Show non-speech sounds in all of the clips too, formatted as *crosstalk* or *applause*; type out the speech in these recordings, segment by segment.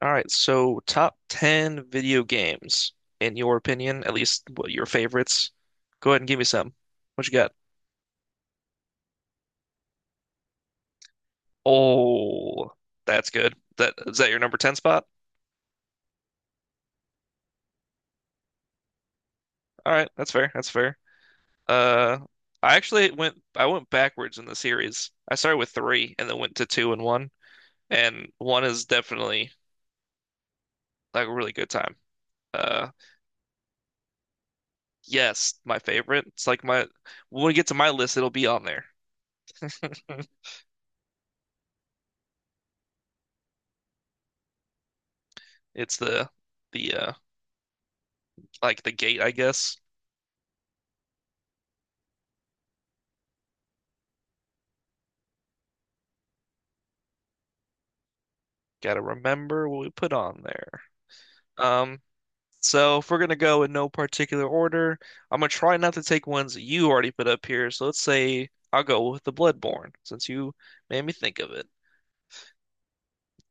All right, so top 10 video games, in your opinion, at least what your favorites. Go ahead and give me some. What you got? Oh, that's good. That is that your number 10 spot? All right, that's fair. That's fair. Uh, I actually went I went backwards in the series. I started with 3 and then went to 2 and 1, and 1 is definitely like a really good time. Uh, yes, my favorite. It's like my when we get to my list, it'll be on there. *laughs* It's the like the gate, I guess. Gotta remember what we put on there. Um, so if we're gonna go in no particular order, I'm gonna try not to take ones you already put up here. So let's say I'll go with the Bloodborne since you made me think of it.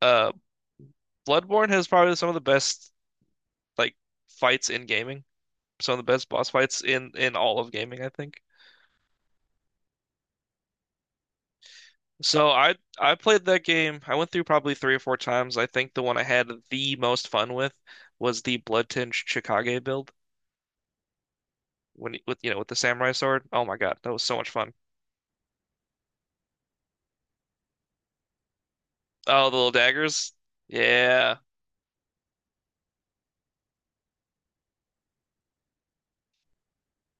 Uh, Bloodborne has probably some of the best like fights in gaming, some of the best boss fights in all of gaming, I think. So I played that game. I went through probably three or four times. I think the one I had the most fun with was the Bloodtinge Chickage build. When he- with you know with the samurai sword. Oh my God, that was so much fun. Oh, the little daggers. Yeah,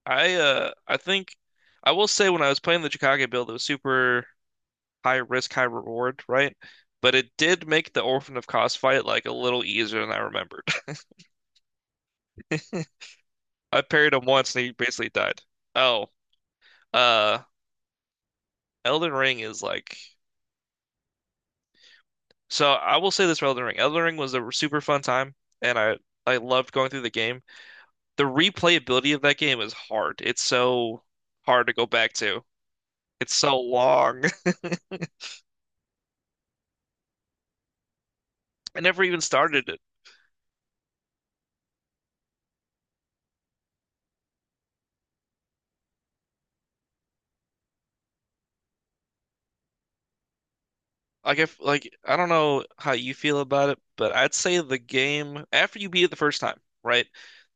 I think I will say when I was playing the Chicago build, it was super high risk, high reward, right? But it did make the Orphan of Kos fight like a little easier than I remembered. *laughs* I parried him once and he basically died. Oh, uh, Elden Ring is like so. I will say this for Elden Ring. Elden Ring was a super fun time, and I loved going through the game. The replayability of that game is hard. It's so hard to go back to. It's so long. *laughs* I never even started. Like if like I don't know how you feel about it, but I'd say the game after you beat it the first time, right?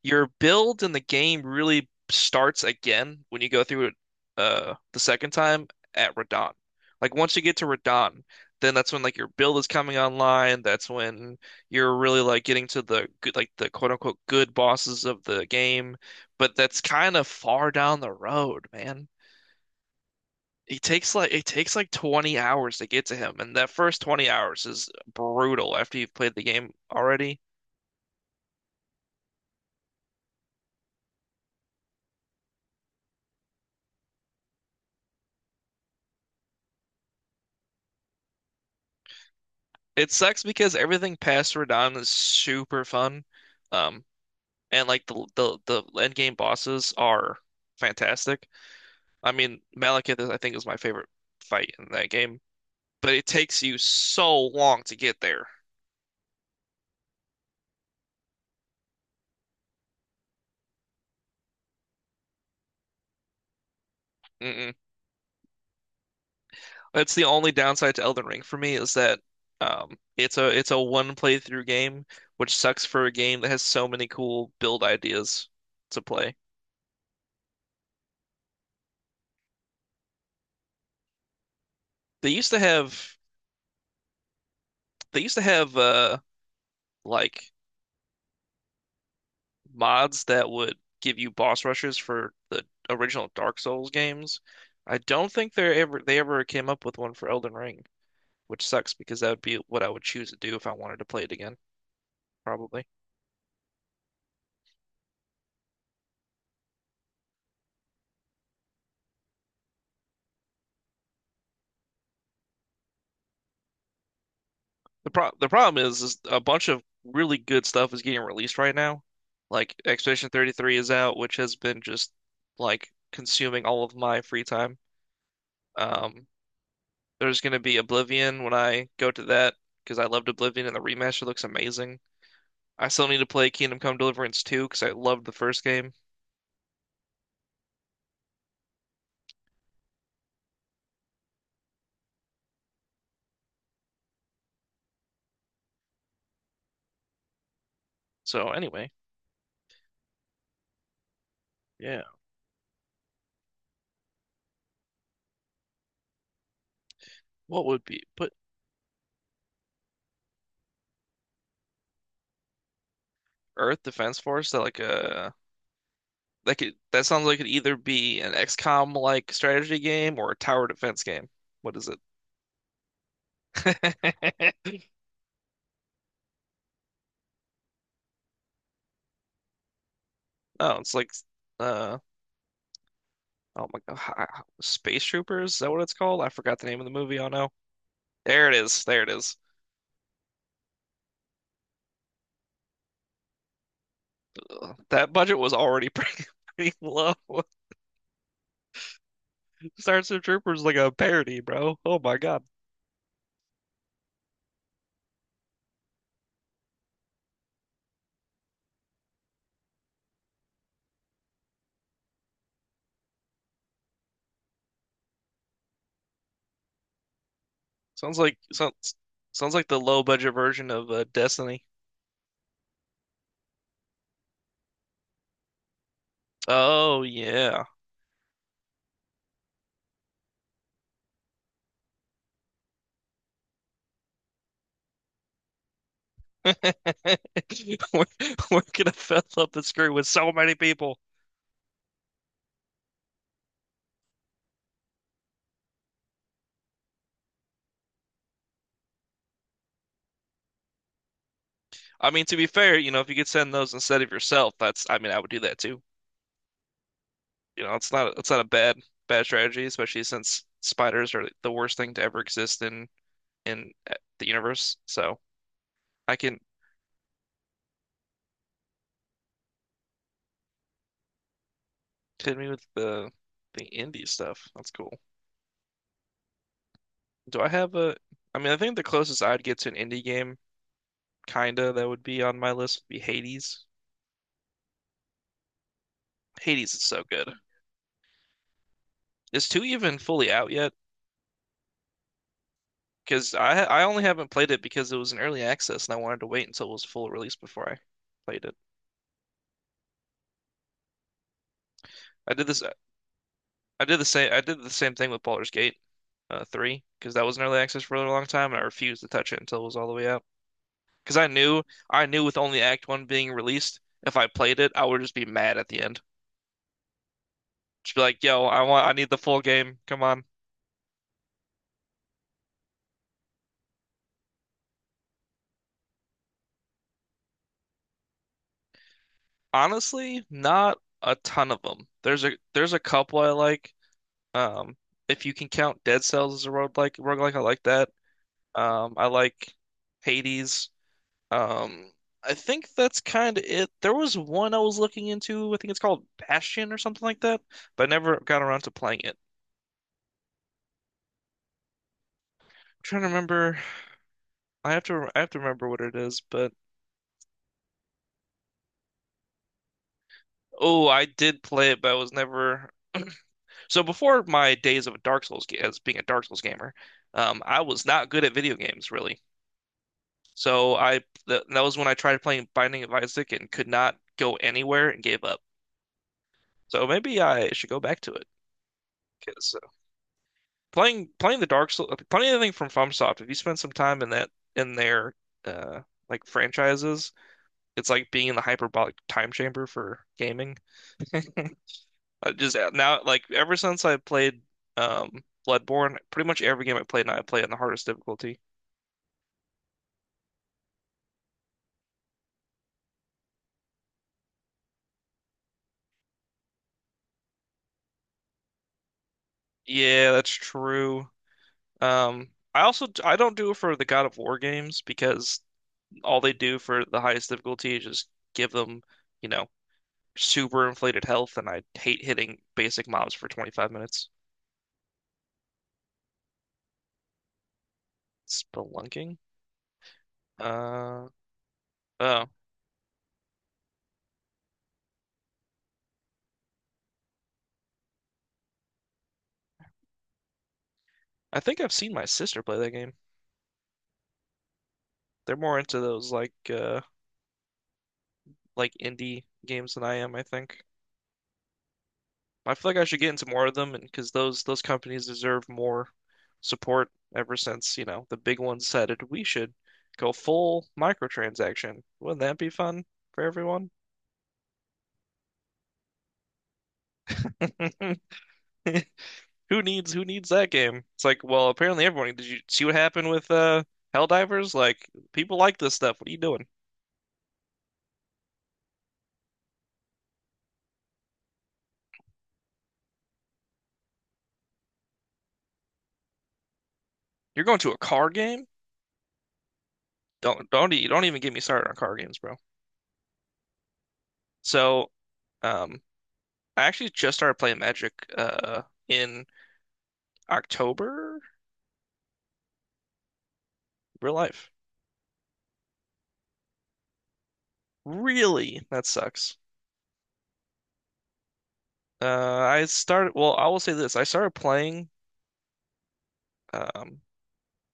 Your build in the game really starts again when you go through it the second time at Radahn. Like once you get to Radahn, then that's when like your build is coming online. That's when you're really like getting to the good like the quote unquote good bosses of the game. But that's kind of far down the road, man. It takes like 20 hours to get to him, and that first 20 hours is brutal after you've played the game already. It sucks because everything past Radahn is super fun. Um, and like the end game bosses are fantastic. I mean, Malekith, I think, is my favorite fight in that game, but it takes you so long to get there. Mm-mm. That's the only downside to Elden Ring for me is that it's a one playthrough game, which sucks for a game that has so many cool build ideas to play. They used to have they used to have like mods that would give you boss rushes for the original Dark Souls games. I don't think they ever came up with one for Elden Ring, which sucks because that would be what I would choose to do if I wanted to play it again, probably. The problem is a bunch of really good stuff is getting released right now. Like Expedition 33 is out, which has been just like consuming all of my free time. Um, there's gonna be Oblivion when I go to that because I loved Oblivion and the remaster looks amazing. I still need to play Kingdom Come Deliverance 2 because I loved the first game. So anyway, yeah, what would be put Earth Defense Force, that like that could, that sounds like it could either be an XCOM like strategy game or a tower defense game. What is it? *laughs* Oh, it's like uh oh my God, hi- Space Troopers, is that what it's called? I forgot the name of the movie. Oh no. There it is. There it is. Ugh, that budget was already pretty, *laughs* pretty low. *laughs* Starship Troopers is like a parody, bro. Oh my God. Sounds like sounds like the low budget version of Destiny. Oh yeah. *laughs* We're, we're gonna fill up the screen with so many people. I mean, to be fair, you know, if you could send those instead of yourself, that's I mean, I would do that too. You know, it's not a bad strategy, especially since spiders are the worst thing to ever exist in the universe. So I can hit me with the indie stuff. That's cool. Do I have a? I mean, I think the closest I'd get to an indie game, kinda, that would be on my list would be Hades. Hades is so good. Is two even fully out yet? Because I only haven't played it because it was an early access and I wanted to wait until it was full release before I played it. I did this I did the same. I did the same thing with Baldur's Gate, three, because that was in early access for a really long time, and I refused to touch it until it was all the way out. Because I knew with only Act One being released, if I played it, I would just be mad at the end. Just be like, "Yo, I want, I need the full game. Come on." Honestly, not a ton of them. There's a couple I like. Um, if you can count Dead Cells as a roguelike, I like that. I like Hades. Um, I think that's kind of it. There was one I was looking into. I think it's called Bastion or something like that, but I never got around to playing it. I'm trying to remember. I have to. I have to remember what it is. But oh, I did play it, but I was never. So before my days of a Dark Souls ga- as being a Dark Souls gamer, I was not good at video games really. So I th that was when I tried playing Binding of Isaac and could not go anywhere and gave up. So maybe I should go back to it because playing the Dark Souls, playing anything from FromSoft. If you spend some time in that in their uh like franchises, it's like being in the hyperbolic time chamber for gaming. I just now, like ever since I played um Bloodborne, pretty much every game I play now I play it in the hardest difficulty. Yeah, that's true. I also I don't do it for the God of War games because all they do for the highest difficulty is just give them, you know, super inflated health, and I hate hitting basic mobs for 25 minutes. Spelunking? Uh oh. I think I've seen my sister play that game. They're more into those like indie games than I am, I think. I feel like I should get into more of them and because those companies deserve more support ever since, you know, the big ones said decided we should go full microtransaction. Wouldn't that be fun for everyone? *laughs* Who needs that game? It's like, well, apparently everyone. Did you see what happened with Helldivers? Like, people like this stuff. What are you doing? You're going to a card game? Don't even get me started on card games, bro. So, um, I actually just started playing Magic in October, real life. Really? That sucks. Uh, I will say this: I started playing. Um,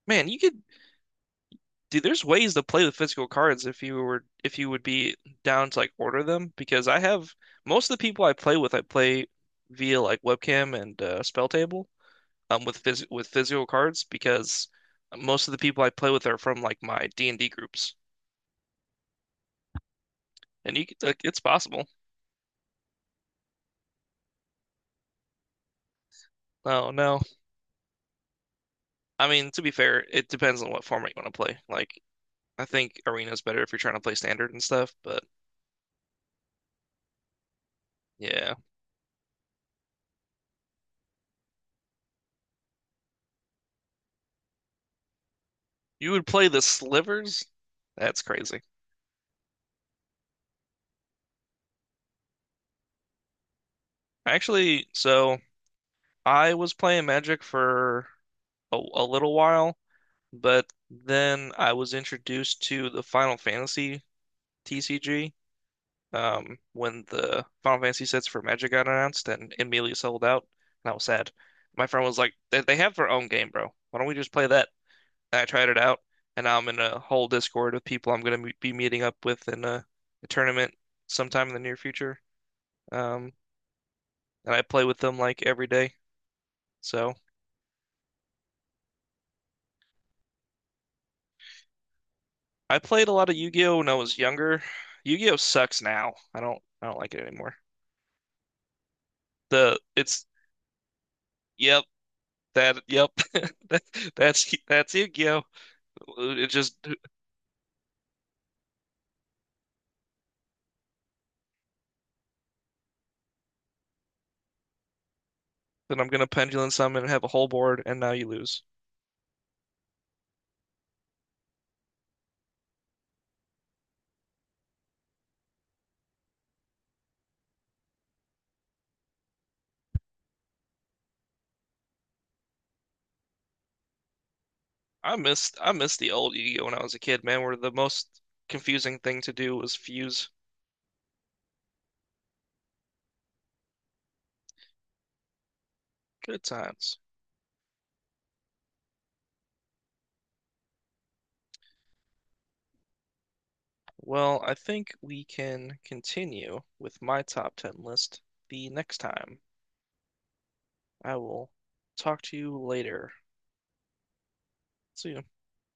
man, you could dude. There's ways to play with physical cards if you were if you would be down to like order them. Because I have most of the people I play with, I play via like webcam and spell table. With physical cards because most of the people I play with are from like my D&D groups. And you could, like, it's possible. No, no. I mean, to be fair, it depends on what format you want to play. Like, I think Arena's better if you're trying to play standard and stuff, but yeah. You would play the slivers? That's crazy. Actually, so I was playing Magic for a little while, but then I was introduced to the Final Fantasy TCG when the Final Fantasy sets for Magic got announced and immediately sold out, and I was sad. My friend was like, they have their own game, bro. Why don't we just play that? And I tried it out, and now I'm in a whole Discord with people I'm going to be meeting up with in a tournament sometime in the near future. Um, and I play with them like every day. So I played a lot of Yu-Gi-Oh when I was younger. Yu-Gi-Oh sucks now. I don't like it anymore. The it's yep, that yep. *laughs* That, that's that's Yu-Gi-Oh. It just then I'm gonna pendulum summon and have a whole board, and now you lose. I missed the old Yu-Gi-Oh when I was a kid, man, where the most confusing thing to do was fuse. Good times. Well, I think we can continue with my top 10 list the next time. I will talk to you later. See you.